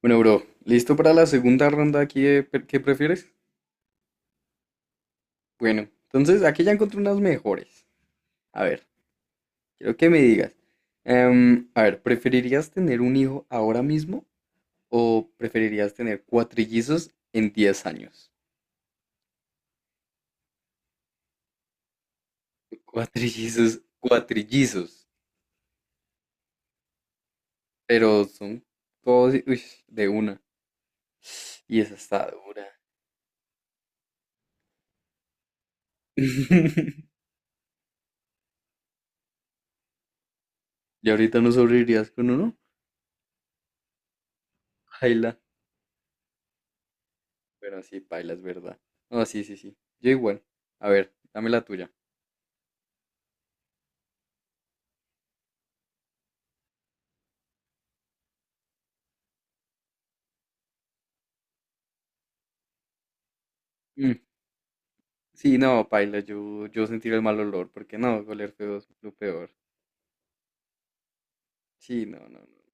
Bueno, bro, ¿listo para la segunda ronda aquí qué prefieres? Bueno, entonces aquí ya encontré unas mejores. A ver, quiero que me digas. A ver, ¿preferirías tener un hijo ahora mismo o preferirías tener cuatrillizos en 10 años? Cuatrillizos, cuatrillizos, pero son todos uy, de una. Y esa está dura. ¿Y ahorita no sobrevivirías con uno? Pero sí, paila, es verdad. No, sí, sí, sí. Yo igual. A ver, dame la tuya. Mm. Sí, no, paila, yo sentir el mal olor, porque no, oler feo es lo peor. Sí, no, no, no.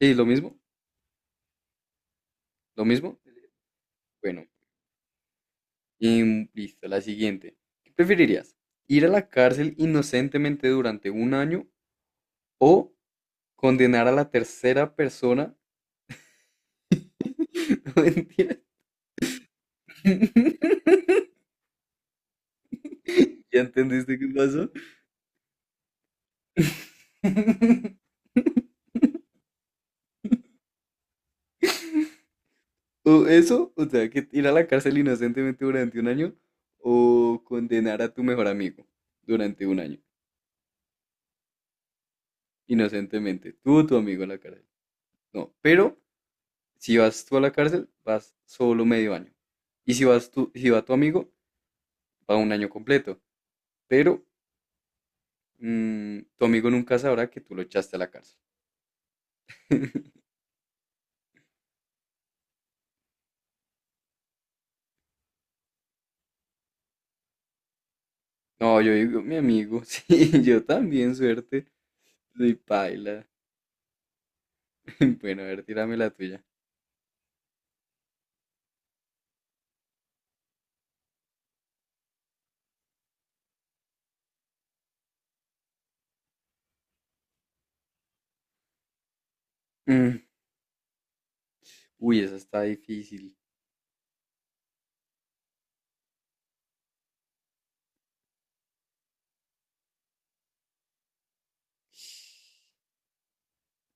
Sí, lo mismo, lo mismo. Bueno, y listo, la siguiente. ¿Qué preferirías? ¿Ir a la cárcel inocentemente durante un año o condenar a la tercera persona? No, mentira. ¿Ya entendiste qué pasó? O eso, o sea, que ir a la cárcel inocentemente durante un año o condenar a tu mejor amigo durante un año, inocentemente, tú o tu amigo a la cárcel. No, pero si vas tú a la cárcel, vas solo medio año. Y si vas tú, si va tu amigo, va un año completo. Pero tu amigo nunca sabrá que tú lo echaste a la cárcel. No, yo digo, mi amigo, sí, yo también, suerte. Soy paila. Bueno, a ver, tírame la tuya. Mm. Uy, esa está difícil.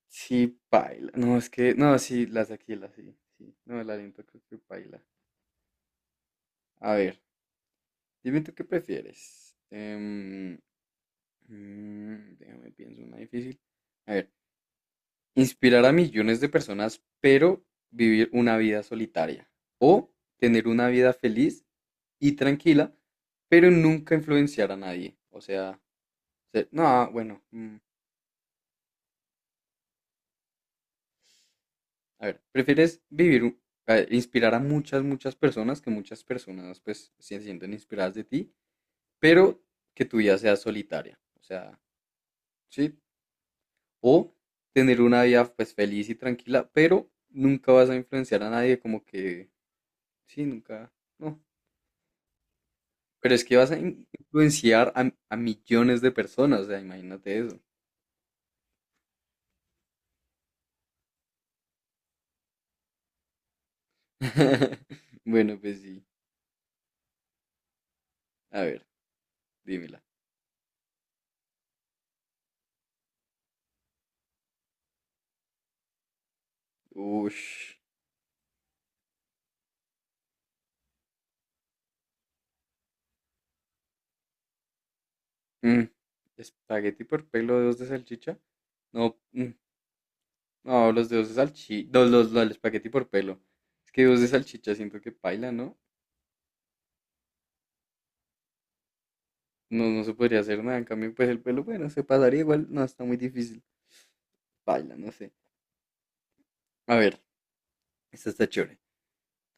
Sí, paila. No, es que, no, sí, las de Aquila, sí, sí. No, el aliento creo que paila. A ver, dime tú qué prefieres. Déjame pienso una difícil. A ver, inspirar a millones de personas, pero vivir una vida solitaria. O tener una vida feliz y tranquila, pero nunca influenciar a nadie. O sea, no, ah, bueno. A ver, ¿prefieres inspirar a muchas, muchas personas, que muchas personas pues se sienten inspiradas de ti, pero que tu vida sea solitaria? O sea, ¿sí? O tener una vida pues feliz y tranquila, pero nunca vas a influenciar a nadie, como que, sí, nunca, no. Pero es que vas a influenciar a millones de personas, o sea, imagínate eso. Bueno, pues sí. A ver, dímela. Ush. Mm. ¿Espagueti por pelo, dedos de salchicha? No, mm, no, los dedos de salchicha, el espagueti por pelo. Es que dedos de salchicha siento que paila, ¿no? No, no se podría hacer nada. En cambio, pues el pelo, bueno, se pasaría igual. No, está muy difícil. Paila, no sé. A ver, esta está chévere.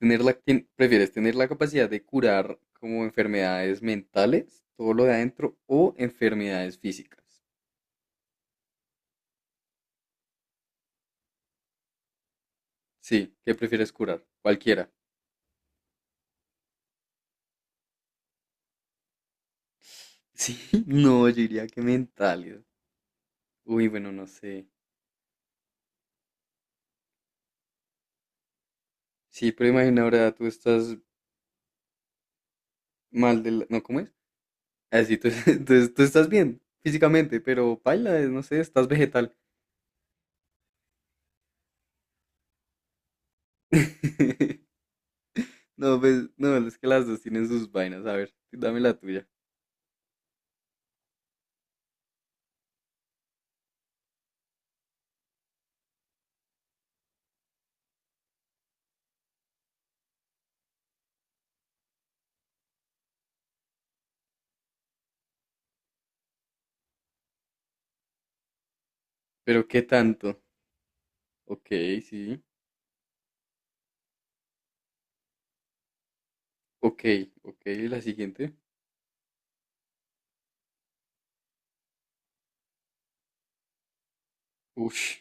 ¿Prefieres tener la capacidad de curar como enfermedades mentales, todo lo de adentro, o enfermedades físicas? Sí, ¿qué prefieres curar? Cualquiera. Sí, no, yo diría que mentales. Uy, bueno, no sé. Sí, pero imagina ahora tú estás mal del... ¿No, cómo es? Así, tú, entonces tú estás bien físicamente, pero paila, no sé, estás vegetal. No, pues, no, es que las dos tienen sus vainas. A ver, dame la tuya. Pero ¿qué tanto? Ok, sí. Ok, ok, la siguiente. Ush.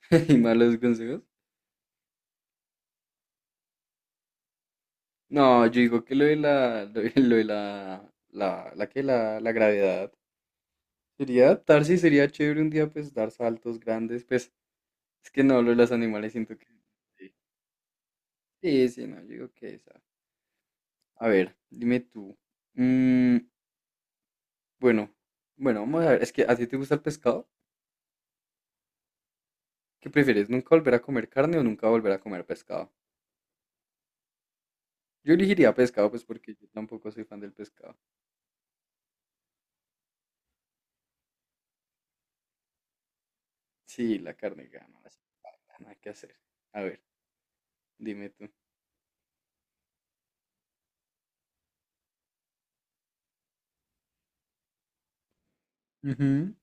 ¿Y malos consejos? No, yo digo que lo de la, la, la que la gravedad. Sería adaptarse y sería chévere un día, pues, dar saltos grandes. Pues, es que no, lo de los animales siento que... Sí, sí, sí, no, yo digo que esa. A ver, dime tú. Mm, bueno, bueno, vamos a ver. Es que a ti te gusta el pescado. ¿Qué prefieres? ¿Nunca volver a comer carne o nunca volver a comer pescado? Yo elegiría pescado, pues porque yo tampoco soy fan del pescado. Sí, la carne gana, así que nada que hacer. A ver, dime tú. Ujú.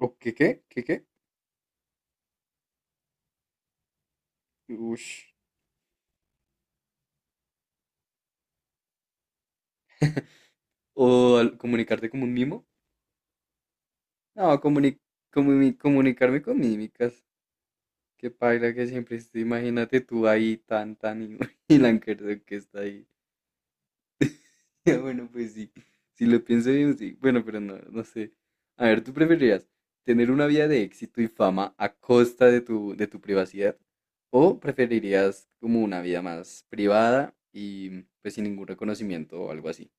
¿O qué qué? ¿Qué qué? Ush. Comunicarte como un mimo? No, comunicarme con mímicas. Qué paila que siempre estoy. Imagínate tú ahí tan tan y, y la Ankerson que está ahí. Bueno, pues sí, si lo pienso bien, sí. Bueno, pero no, no sé. A ver, ¿tú preferirías tener una vida de éxito y fama a costa de tu privacidad? ¿O preferirías como una vida más privada y pues sin ningún reconocimiento o algo así?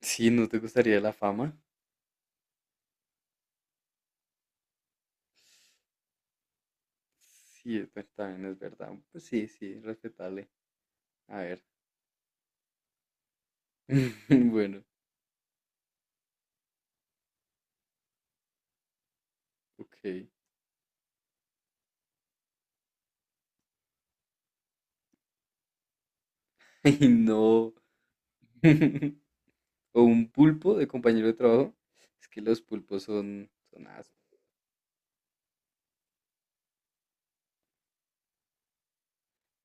Sí, ¿no te gustaría la fama? Sí, es también es verdad. Pues sí, sí, respetable. A ver. Bueno, ok. Ay, no. O un pulpo de compañero de trabajo. Es que los pulpos son asco.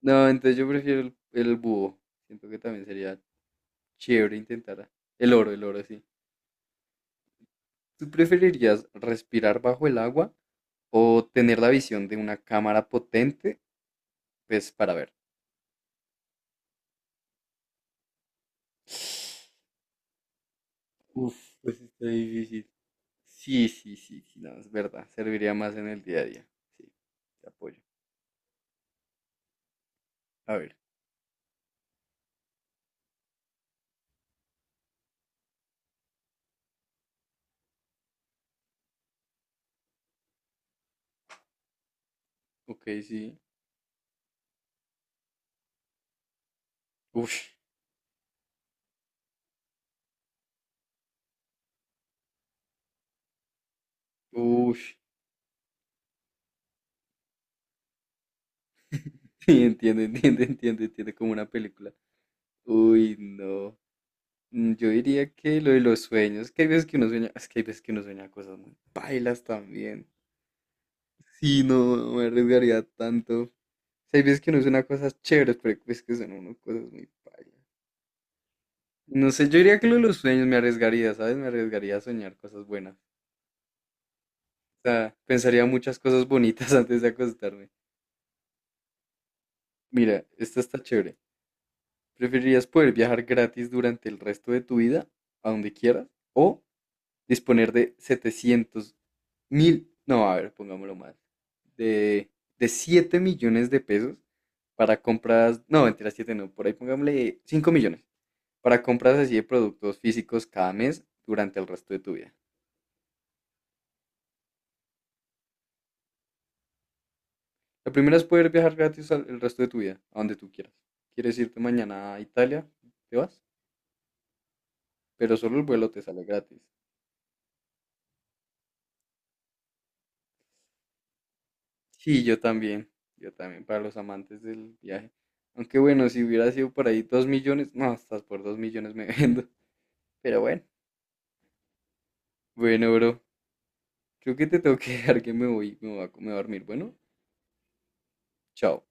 No, entonces yo prefiero el búho. Siento que también sería chévere intentar. El oro, sí. ¿Tú preferirías respirar bajo el agua o tener la visión de una cámara potente, pues para ver? Uf, pues está difícil. Sí, sí, sí, sí, no, es verdad. Serviría más en el día a día. Sí, te apoyo. A ver, ok, sí. Uf, uf. Sí, entiende, entiende, entiende, entiende como una película. Uy, no. Mm. Yo diría que lo de los sueños, que hay veces que uno sueña, es que hay veces que uno sueña cosas muy pailas también. Sí, no, no me arriesgaría tanto. O sea, hay veces que uno sueña cosas chéveres, pero es que son uno cosas muy pailas. No sé, yo diría que lo de los sueños me arriesgaría, ¿sabes? Me arriesgaría a soñar cosas buenas. O sea, pensaría muchas cosas bonitas antes de acostarme. Mira, esta está chévere. ¿Preferirías poder viajar gratis durante el resto de tu vida, a donde quieras, o disponer de 700.000, no, a ver, pongámoslo más, de, de 7 millones de pesos para compras, no, mentira, 7 no, por ahí pongámosle 5 millones para compras así de productos físicos cada mes durante el resto de tu vida. La primera es poder viajar gratis el resto de tu vida, a donde tú quieras. ¿Quieres irte mañana a Italia? Te vas, pero solo el vuelo te sale gratis. Sí, yo también, para los amantes del viaje. Aunque bueno, si hubiera sido por ahí 2 millones, no, hasta por 2 millones me vendo. Pero bueno, bueno, bro, creo que te tengo que dejar que me voy, me voy a dormir. Bueno, chao.